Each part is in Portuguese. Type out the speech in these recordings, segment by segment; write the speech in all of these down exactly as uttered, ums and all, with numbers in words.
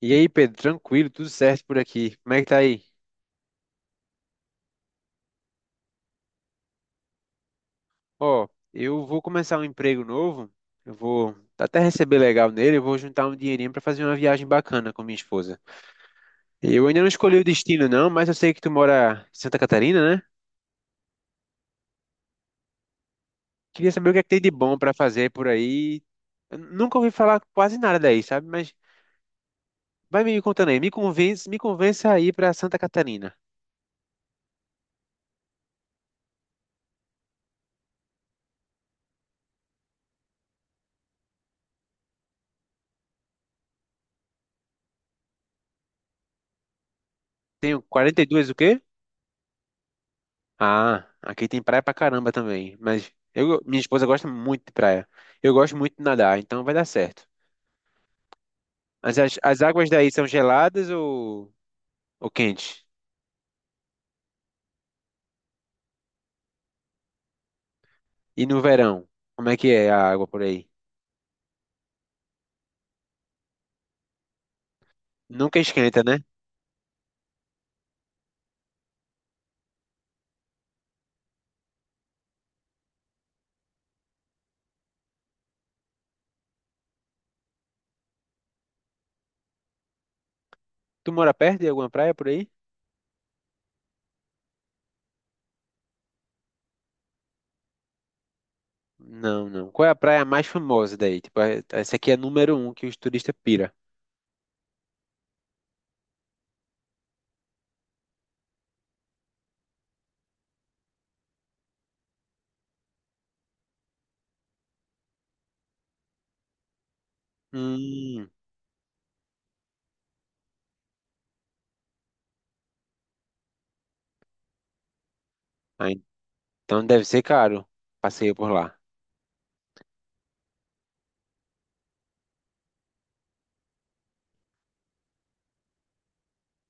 E aí, Pedro, tranquilo, tudo certo por aqui. Como é que tá aí? Ó, eu vou começar um emprego novo. Eu vou até receber legal nele, eu vou juntar um dinheirinho pra fazer uma viagem bacana com minha esposa. Eu ainda não escolhi o destino não, mas eu sei que tu mora em Santa Catarina, né? Queria saber o que é que tem de bom pra fazer por aí. Eu nunca ouvi falar quase nada daí, sabe? Mas vai me contando aí, me convence, me convença a ir pra Santa Catarina. Tenho quarenta e dois o quê? Ah, aqui tem praia pra caramba também. Mas eu, minha esposa gosta muito de praia. Eu gosto muito de nadar, então vai dar certo. Mas as, as águas daí são geladas ou, ou quentes? E no verão, como é que é a água por aí? Nunca esquenta, né? Tu mora perto de alguma praia por aí? Não, não. Qual é a praia mais famosa daí? Tipo, é- essa aqui é a número um que os turistas pira. Hum, ah, então deve ser caro. Passeio por lá.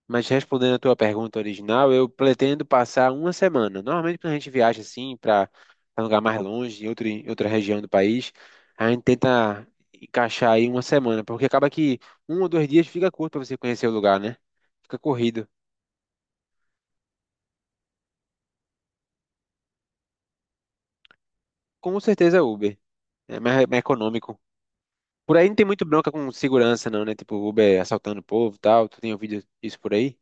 Mas respondendo a tua pergunta original, eu pretendo passar uma semana. Normalmente, quando a gente viaja assim para um lugar mais longe, em outro, em outra região do país, a gente tenta encaixar aí uma semana, porque acaba que um ou dois dias fica curto para você conhecer o lugar, né? Fica corrido. Com certeza, Uber. É mais, é mais econômico. Por aí não tem muito bronca com segurança, não, né? Tipo, Uber assaltando o povo e tal. Tu tem ouvido isso por aí?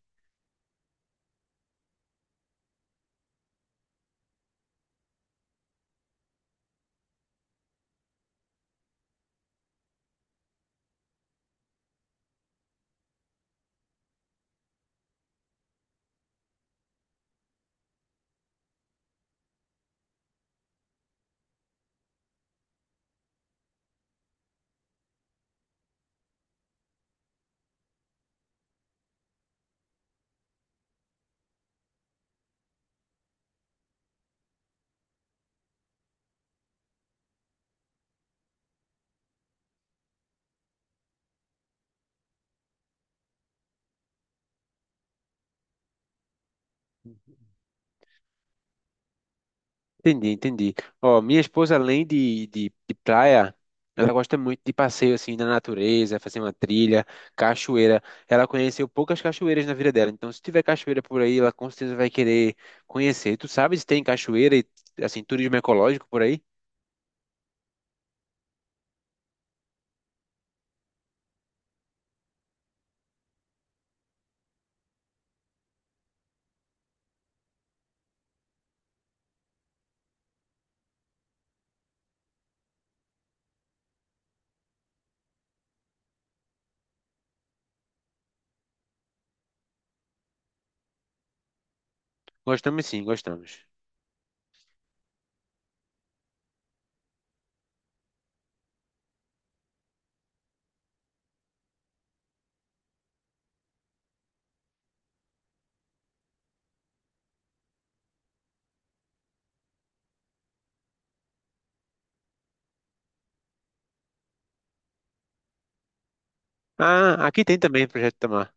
Entendi, entendi. Ó, minha esposa, além de, de, de praia, ela gosta muito de passeio assim na natureza, fazer uma trilha, cachoeira. Ela conheceu poucas cachoeiras na vida dela, então se tiver cachoeira por aí, ela com certeza vai querer conhecer. Tu sabe se tem cachoeira e assim turismo ecológico por aí? Gostamos sim, gostamos. Ah, aqui tem também Projeto Tamar,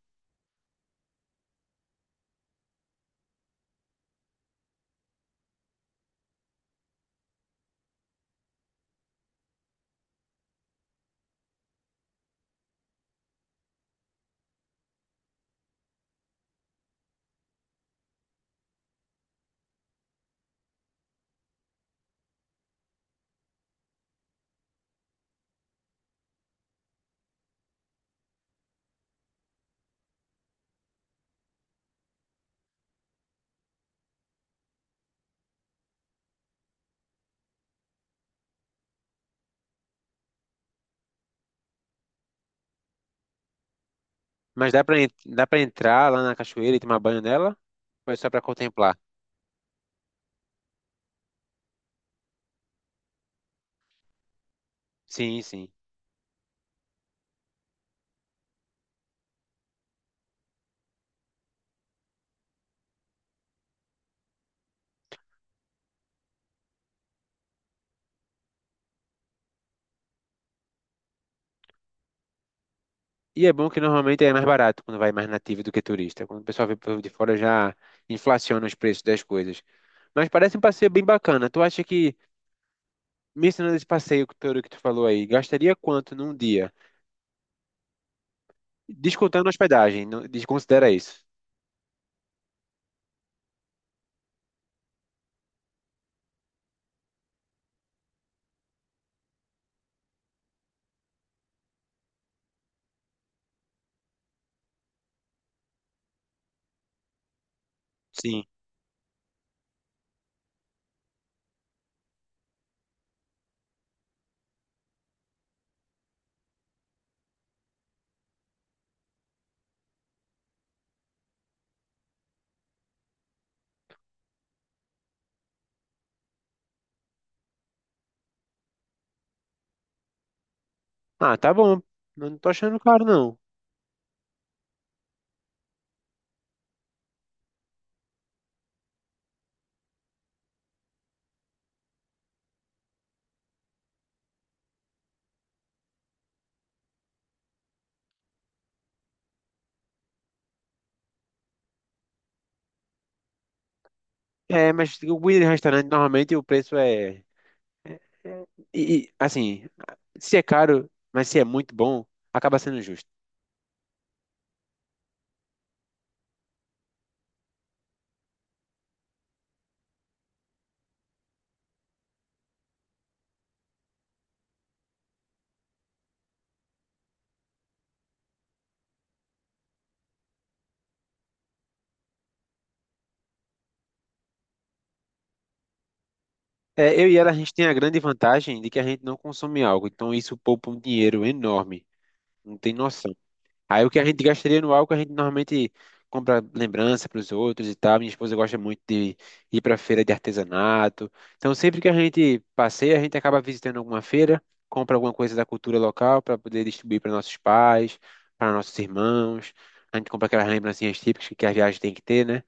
mas dá para dá para entrar lá na cachoeira e tomar banho nela? Ou é só para contemplar? Sim, sim. E é bom que normalmente é mais barato quando vai mais nativo do que turista. Quando o pessoal vem por de fora já inflaciona os preços das coisas. Mas parece um passeio bem bacana. Tu acha que, mencionando esse passeio todo que tu falou aí, gastaria quanto num dia? Descontando a hospedagem, não- desconsidera isso. Sim. Ah, tá bom. Não tô achando caro, não. É, mas o comida de restaurante normalmente o preço é. É- é. E, e, assim, se é caro, mas se é muito bom, acaba sendo justo. É, eu e ela, a gente tem a grande vantagem de que a gente não consome álcool, então isso poupa um dinheiro enorme, não tem noção. Aí o que a gente gastaria no álcool, a gente normalmente compra lembrança para os outros e tal. Minha esposa gosta muito de ir para feira de artesanato, então sempre que a gente passeia, a gente acaba visitando alguma feira, compra alguma coisa da cultura local para poder distribuir para nossos pais, para nossos irmãos. A gente compra aquelas lembrancinhas típicas que a viagem tem que ter, né?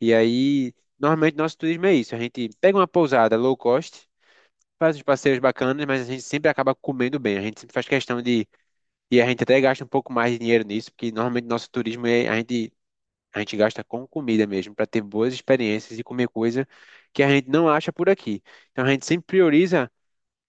E aí, normalmente nosso turismo é isso, a gente pega uma pousada low cost, faz uns passeios bacanas, mas a gente sempre acaba comendo bem. A gente sempre faz questão de. E a gente até gasta um pouco mais de dinheiro nisso, porque normalmente nosso turismo é, a gente, a gente gasta com comida mesmo, para ter boas experiências e comer coisa que a gente não acha por aqui. Então a gente sempre prioriza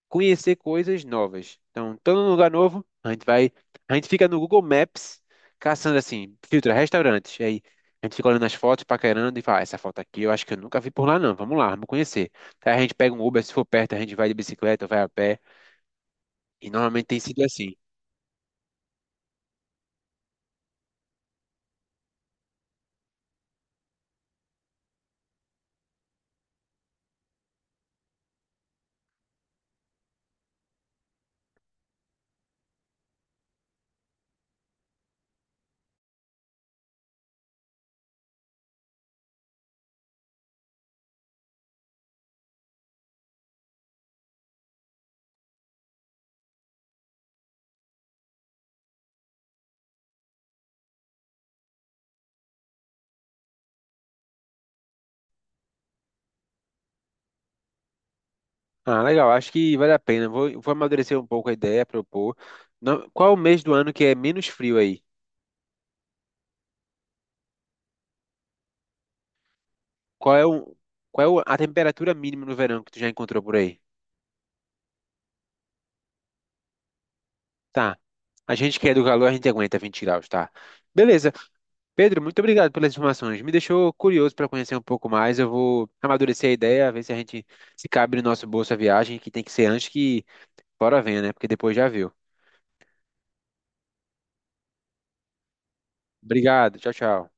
conhecer coisas novas. Então, todo lugar novo, a gente vai. A gente fica no Google Maps caçando assim, filtra restaurantes. E aí a gente fica olhando as fotos, paquerando e fala: "Ah, essa foto aqui eu acho que eu nunca vi por lá, não. Vamos lá, vamos conhecer." Aí a gente pega um Uber, se for perto, a gente vai de bicicleta, vai a pé. E normalmente tem sido assim. Ah, legal. Acho que vale a pena. Vou, vou amadurecer um pouco a ideia, propor. Não, qual é o mês do ano que é menos frio aí? Qual é o, qual é o- a temperatura mínima no verão que tu já encontrou por aí? Tá. A gente que é do calor, a gente aguenta vinte graus, tá? Beleza. Pedro, muito obrigado pelas informações. Me deixou curioso para conhecer um pouco mais. Eu vou amadurecer a ideia, ver se a gente se cabe no nosso bolso a viagem, que tem que ser antes que fora venha, né? Porque depois já viu. Obrigado. Tchau, tchau.